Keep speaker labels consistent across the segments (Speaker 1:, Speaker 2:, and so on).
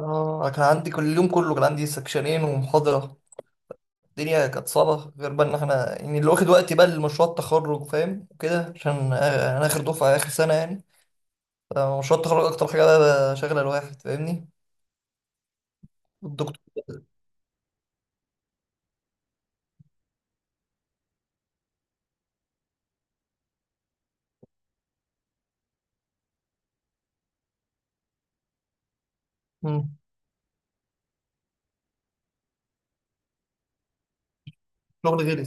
Speaker 1: اه. كان عندي كل اليوم كله كان عندي سكشنين ومحاضرة. الدنيا كانت صعبة غير بقى ان احنا يعني اللي واخد وقتي بقى لمشروع التخرج فاهم وكده عشان انا اخر دفعة اخر سنة يعني. فمشروع التخرج اكتر حاجة بقى شاغلة الواحد فاهمني. الدكتور. مم. شغل غيري.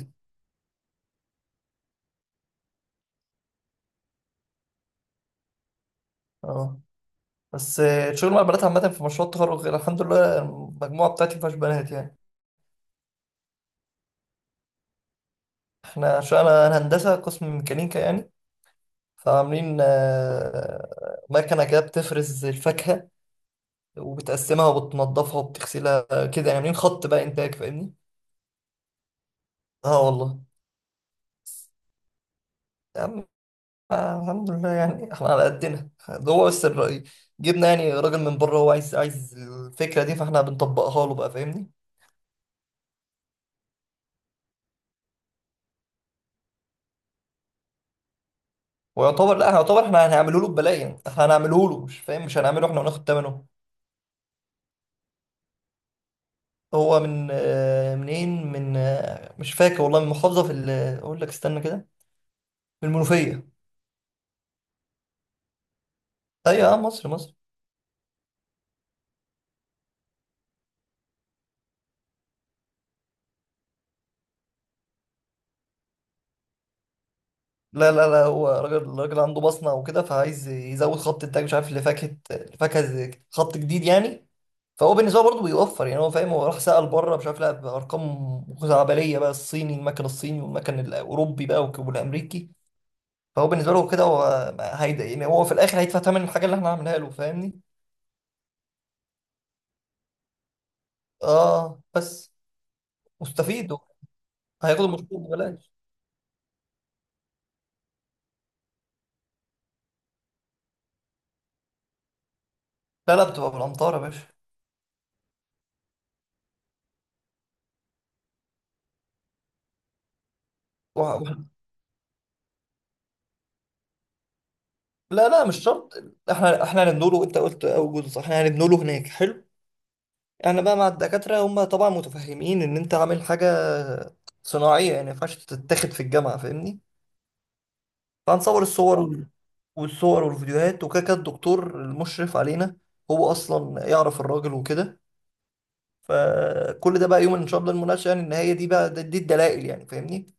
Speaker 1: اه. بس الشغل مع البنات عامة في مشروع التخرج غير الحمد لله المجموعة بتاعتي مفيهاش بنات يعني. احنا عشان أنا هندسة قسم ميكانيكا يعني. فعاملين مكنة كده بتفرز الفاكهة، وبتقسمها وبتنضفها وبتغسلها. كده يعني عاملين خط بقى انتاج فاهمني. اه والله. يا عم. الحمد لله يعني احنا على قدنا ده هو بس الرأي. جبنا يعني راجل من بره هو عايز عايز الفكرة دي فاحنا بنطبقها له بقى فاهمني. ويعتبر لا يعتبر احنا هنعمله له ببلاش يعني احنا هنعمله له مش فاهم مش هنعمله احنا وناخد ثمنه. هو من منين، من مش فاكر والله، من محافظة في اقول لك استنى كده. من المنوفية. ايوه اه مصر مصر. لا لا لا هو راجل راجل عنده بصنة وكده فعايز يزود خط إنتاج مش عارف لفاكهة. فاكهة خط جديد يعني. فهو بالنسبة له برضه بيوفر يعني هو فاهم، هو راح سأل بره مش عارف لا بأرقام خزعبلية بقى الصيني المكن الصيني والمكن الأوروبي بقى والأمريكي. فهو بالنسبة له كده هو هيدا يعني هو في الآخر هيدفع ثمن الحاجة اللي احنا عاملينها له فاهمني؟ آه بس. مستفيد هو. هياخد المشروع ببلاش. لا لا بتبقى بالأمطار يا باشا. وه- وه- لا لا مش شرط. احنا احنا هنبنوا له انت قلت اول جزء صح احنا هنبنوا له هناك حلو. انا بقى مع الدكاتره هم طبعا متفهمين ان انت عامل حاجه صناعيه يعني ما ينفعش تتاخد في الجامعه فاهمني. فهنصور الصور اه والصور والفيديوهات وكده كده الدكتور المشرف علينا هو اصلا يعرف الراجل وكده. فكل ده بقى يوم ان شاء الله المناقشه يعني ان هي دي بقى دي الدلائل يعني فاهمني.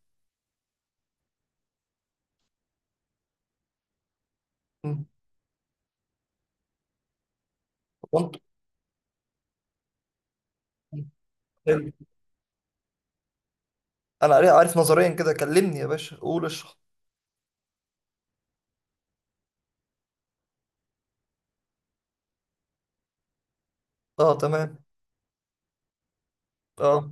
Speaker 1: مم. وانت. حلو. انا عارف عارف نظريا كده كلمني يا باشا قول اشرح. اه تمام. اه.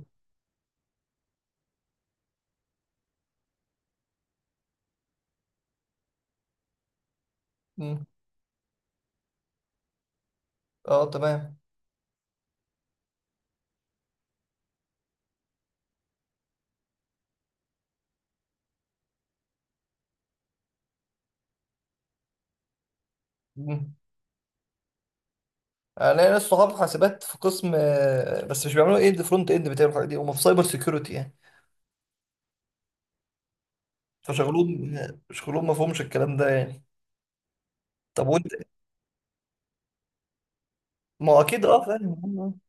Speaker 1: مم. اه تمام. مم. انا ناس صحاب حاسبات في قسم بس مش بيعملوا اند فرونت اند بتاعوا الحاجات دي هم في سايبر سيكيورتي يعني. فشغلهم شغلهم ما فهمش الكلام ده يعني. طب وانت. ما هو اكيد اه فاهم.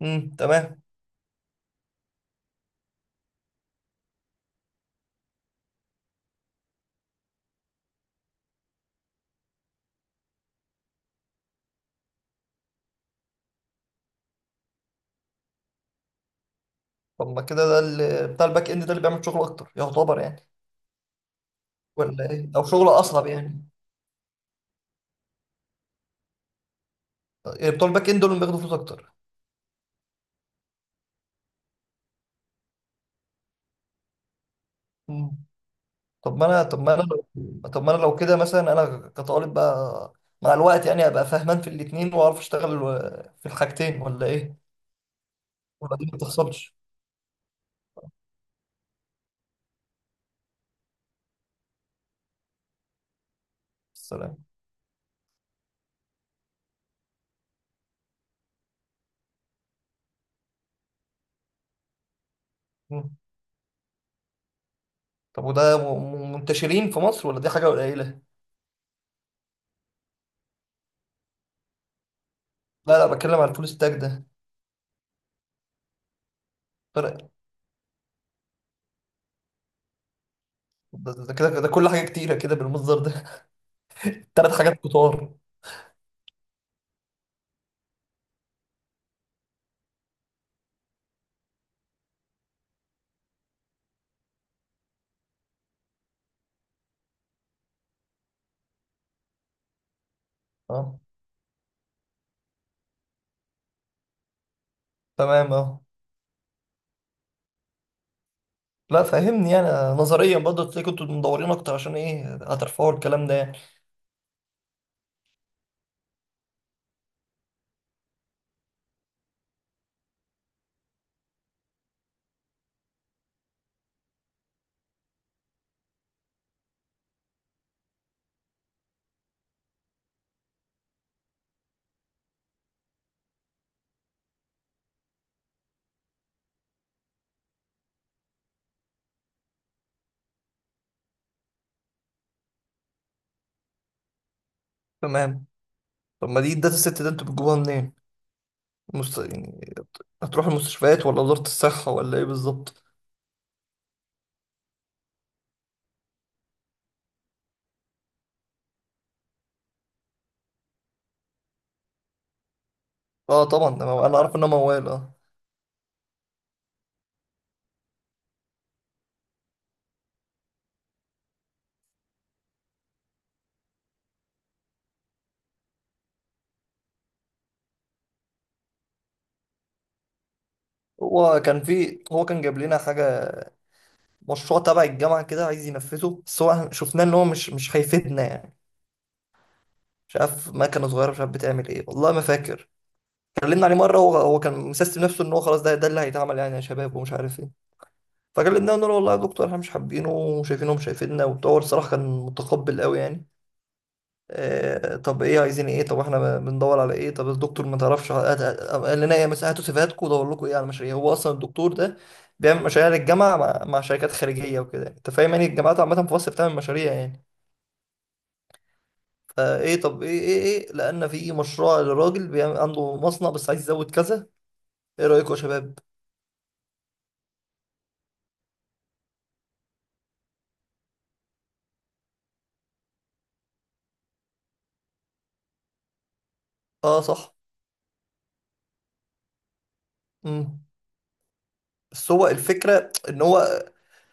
Speaker 1: تمام. طب ما كده ده اللي بتاع الباك اند ده اللي بيعمل شغل اكتر يعتبر يعني. ولا ايه او شغل اصعب يعني. يعني بتوع الباك اند دول اللي بياخدوا فلوس اكتر. مم. طب ما انا طب ما انا لو طب ما انا لو كده مثلا انا كطالب بقى. مع الوقت يعني ابقى فاهمان في الاتنين واعرف اشتغل في الحاجتين ولا ايه. ولا دي ما بتحصلش. السلام. مم. طب وده منتشرين في مصر ولا دي حاجة قليلة؟ لا لا بتكلم عن الفول ستاك ده. فرق. ده ده كده ده كل حاجة كتيرة كده بالمصدر ده. تلات حاجات كتار. اه تمام. اه. لا فهمني يعني. نظريا برضه تلاقي كنتوا مدورين اكتر عشان ايه هترفعوا الكلام ده يعني. تمام. طب ما دي الداتا ست ده انتوا بتجيبوها منين؟ يعني هتروحوا المستشفيات ولا وزارة الصحة ولا ايه بالظبط؟ اه طبعا ده انا عارف انه موال اه. هو كان جايب لنا حاجة مشروع تبع الجامعة كده عايز ينفذه بس هو شفناه إن هو مش هيفيدنا يعني. مش عارف مكنة صغيرة مش عارف بتعمل إيه والله ما فاكر. كلمنا عليه مرة هو هو كان مسستم نفسه إن هو خلاص ده اللي هيتعمل يعني يا شباب ومش عارف إيه. فكلمناه قلنا له والله يا دكتور إحنا مش حابينه وشايفينه مش هيفيدنا وبتاع، هو الصراحة كان متقبل قوي يعني. طب إيه عايزين إيه طب إحنا بندور على إيه طب الدكتور ما تعرفش قال لنا إيه مثلا هاتوا سيفاتكم ودور لكم إيه على مشاريع. هو أصلا الدكتور ده بيعمل مشاريع للجامعة مع شركات خارجية وكده أنت فاهم يعني الجامعات عامة في مصر بتعمل مشاريع يعني. فايه طب ايه لان في مشروع لراجل بيعمل عنده مصنع بس عايز يزود كذا. ايه رايكم يا شباب. اه صح. امم بس هو الفكره ان هو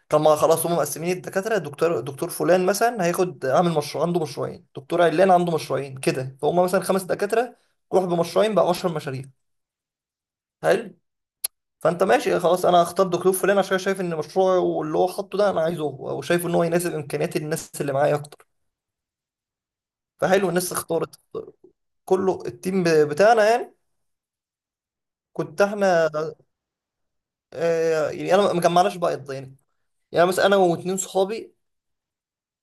Speaker 1: طب ما خلاص هم مقسمين الدكاتره دكتور فلان مثلا هياخد عامل مشروع عنده مشروعين دكتور علان عنده مشروعين كده فهم مثلا خمس دكاتره روح بمشروعين بقى 10 مشاريع. حلو. فانت ماشي خلاص انا هختار دكتور فلان عشان شايف ان مشروعه اللي هو حاطه ده انا عايزه هو وشايف ان هو يناسب امكانيات الناس اللي معايا اكتر. فحلو الناس اختارت كله التيم بتاعنا يعني. كنت احنا. يعني انا ما جمعناش بقى يعني. يعني مثلا انا واتنين صحابي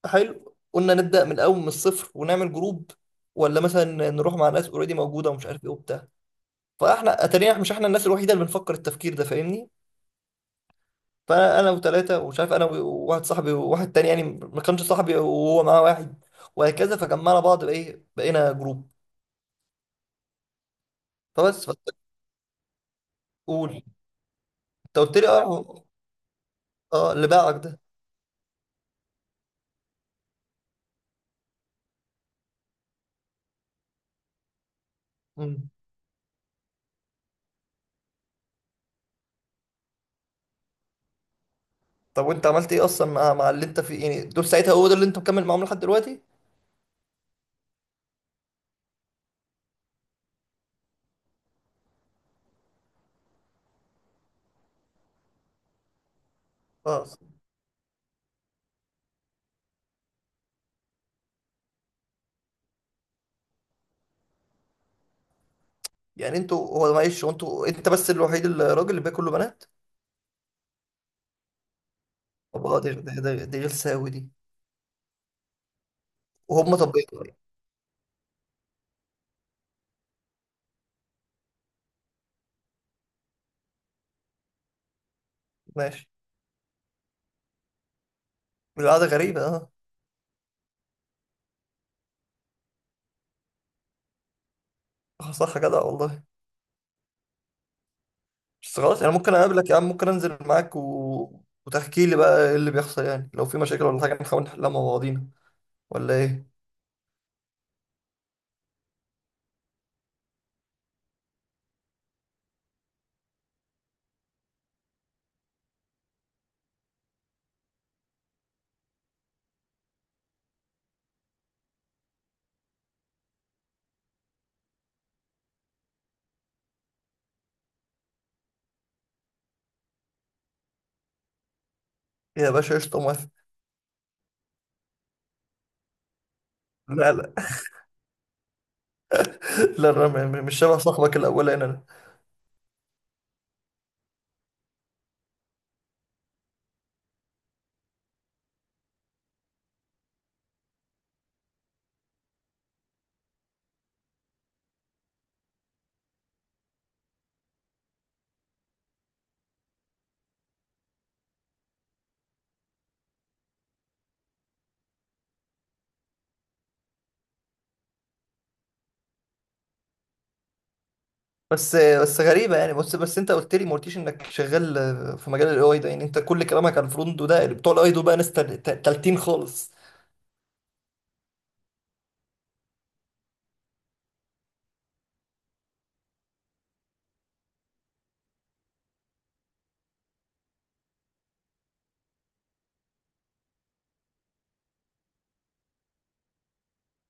Speaker 1: حلو قلنا نبدا من الاول من الصفر ونعمل جروب، ولا مثلا نروح مع ناس اوريدي موجوده ومش عارف ايه وبتاع. فاحنا اتارينا احنا مش احنا الناس الوحيده اللي بنفكر التفكير ده فاهمني. انا وثلاثه ومش عارف انا وواحد صاحبي وواحد تاني يعني ما كانش صاحبي وهو معاه واحد وهكذا فجمعنا بعض بايه بقينا جروب. فبس. فقول. انت قلت لي اه. اه اللي باعك ده. طب وانت عملت ايه اصلا مع اللي انت في يعني دول ساعتها هو ده اللي انت مكمل معاهم لحد دلوقتي. اه. يعني انتوا. هو معلش هو انتوا انت بس الوحيد الراجل اللي باقي كله بنات. طب اه دي غلسة قوي دي. وهم طب ايه؟ ماشي. القعدة غريبة اه. اه صح جدع والله. بس خلاص انا ممكن اقابلك يا عم ممكن انزل معاك وتحكي لي بقى ايه اللي بيحصل يعني لو في مشاكل ولا حاجة نحاول نحلها مع بعضينا ولا ايه. يا باشا قشطة موافق. لا لا. لا انا مش شبه صاحبك الاولاني انا. بس بس غريبه يعني بس بس انت قلت لي ما قلتيش انك شغال في مجال الاي اي ده يعني انت كل كلامك عن الفرونت ده اللي بتوع الاي دول بقى ناس تالتين خالص.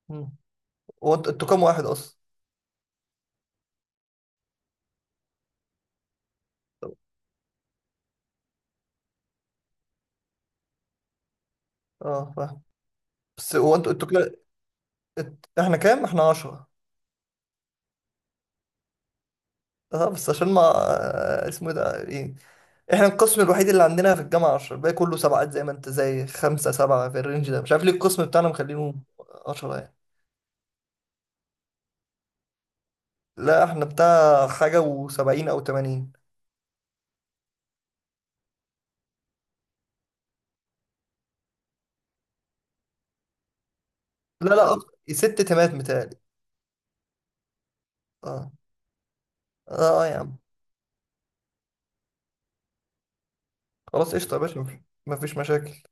Speaker 1: مم. هو انتوا كام واحد اصلا. اه فاهم. بس هو انتوا انتوا كده. احنا كام احنا 10. اه بس عشان ما اسمه ايه ده ايه احنا القسم الوحيد اللي عندنا في الجامعه 10 الباقي كله سبعات زي ما انت زي خمسه سبعه في الرينج ده مش عارف ليه القسم بتاعنا مخلينه 10 يعني. لا احنا بتاع حاجه و70 او 80. لا لا ست تمات متهيألي. اه اه. آه يا عم. خلاص قشطة يا باشا مفيش مشاكل.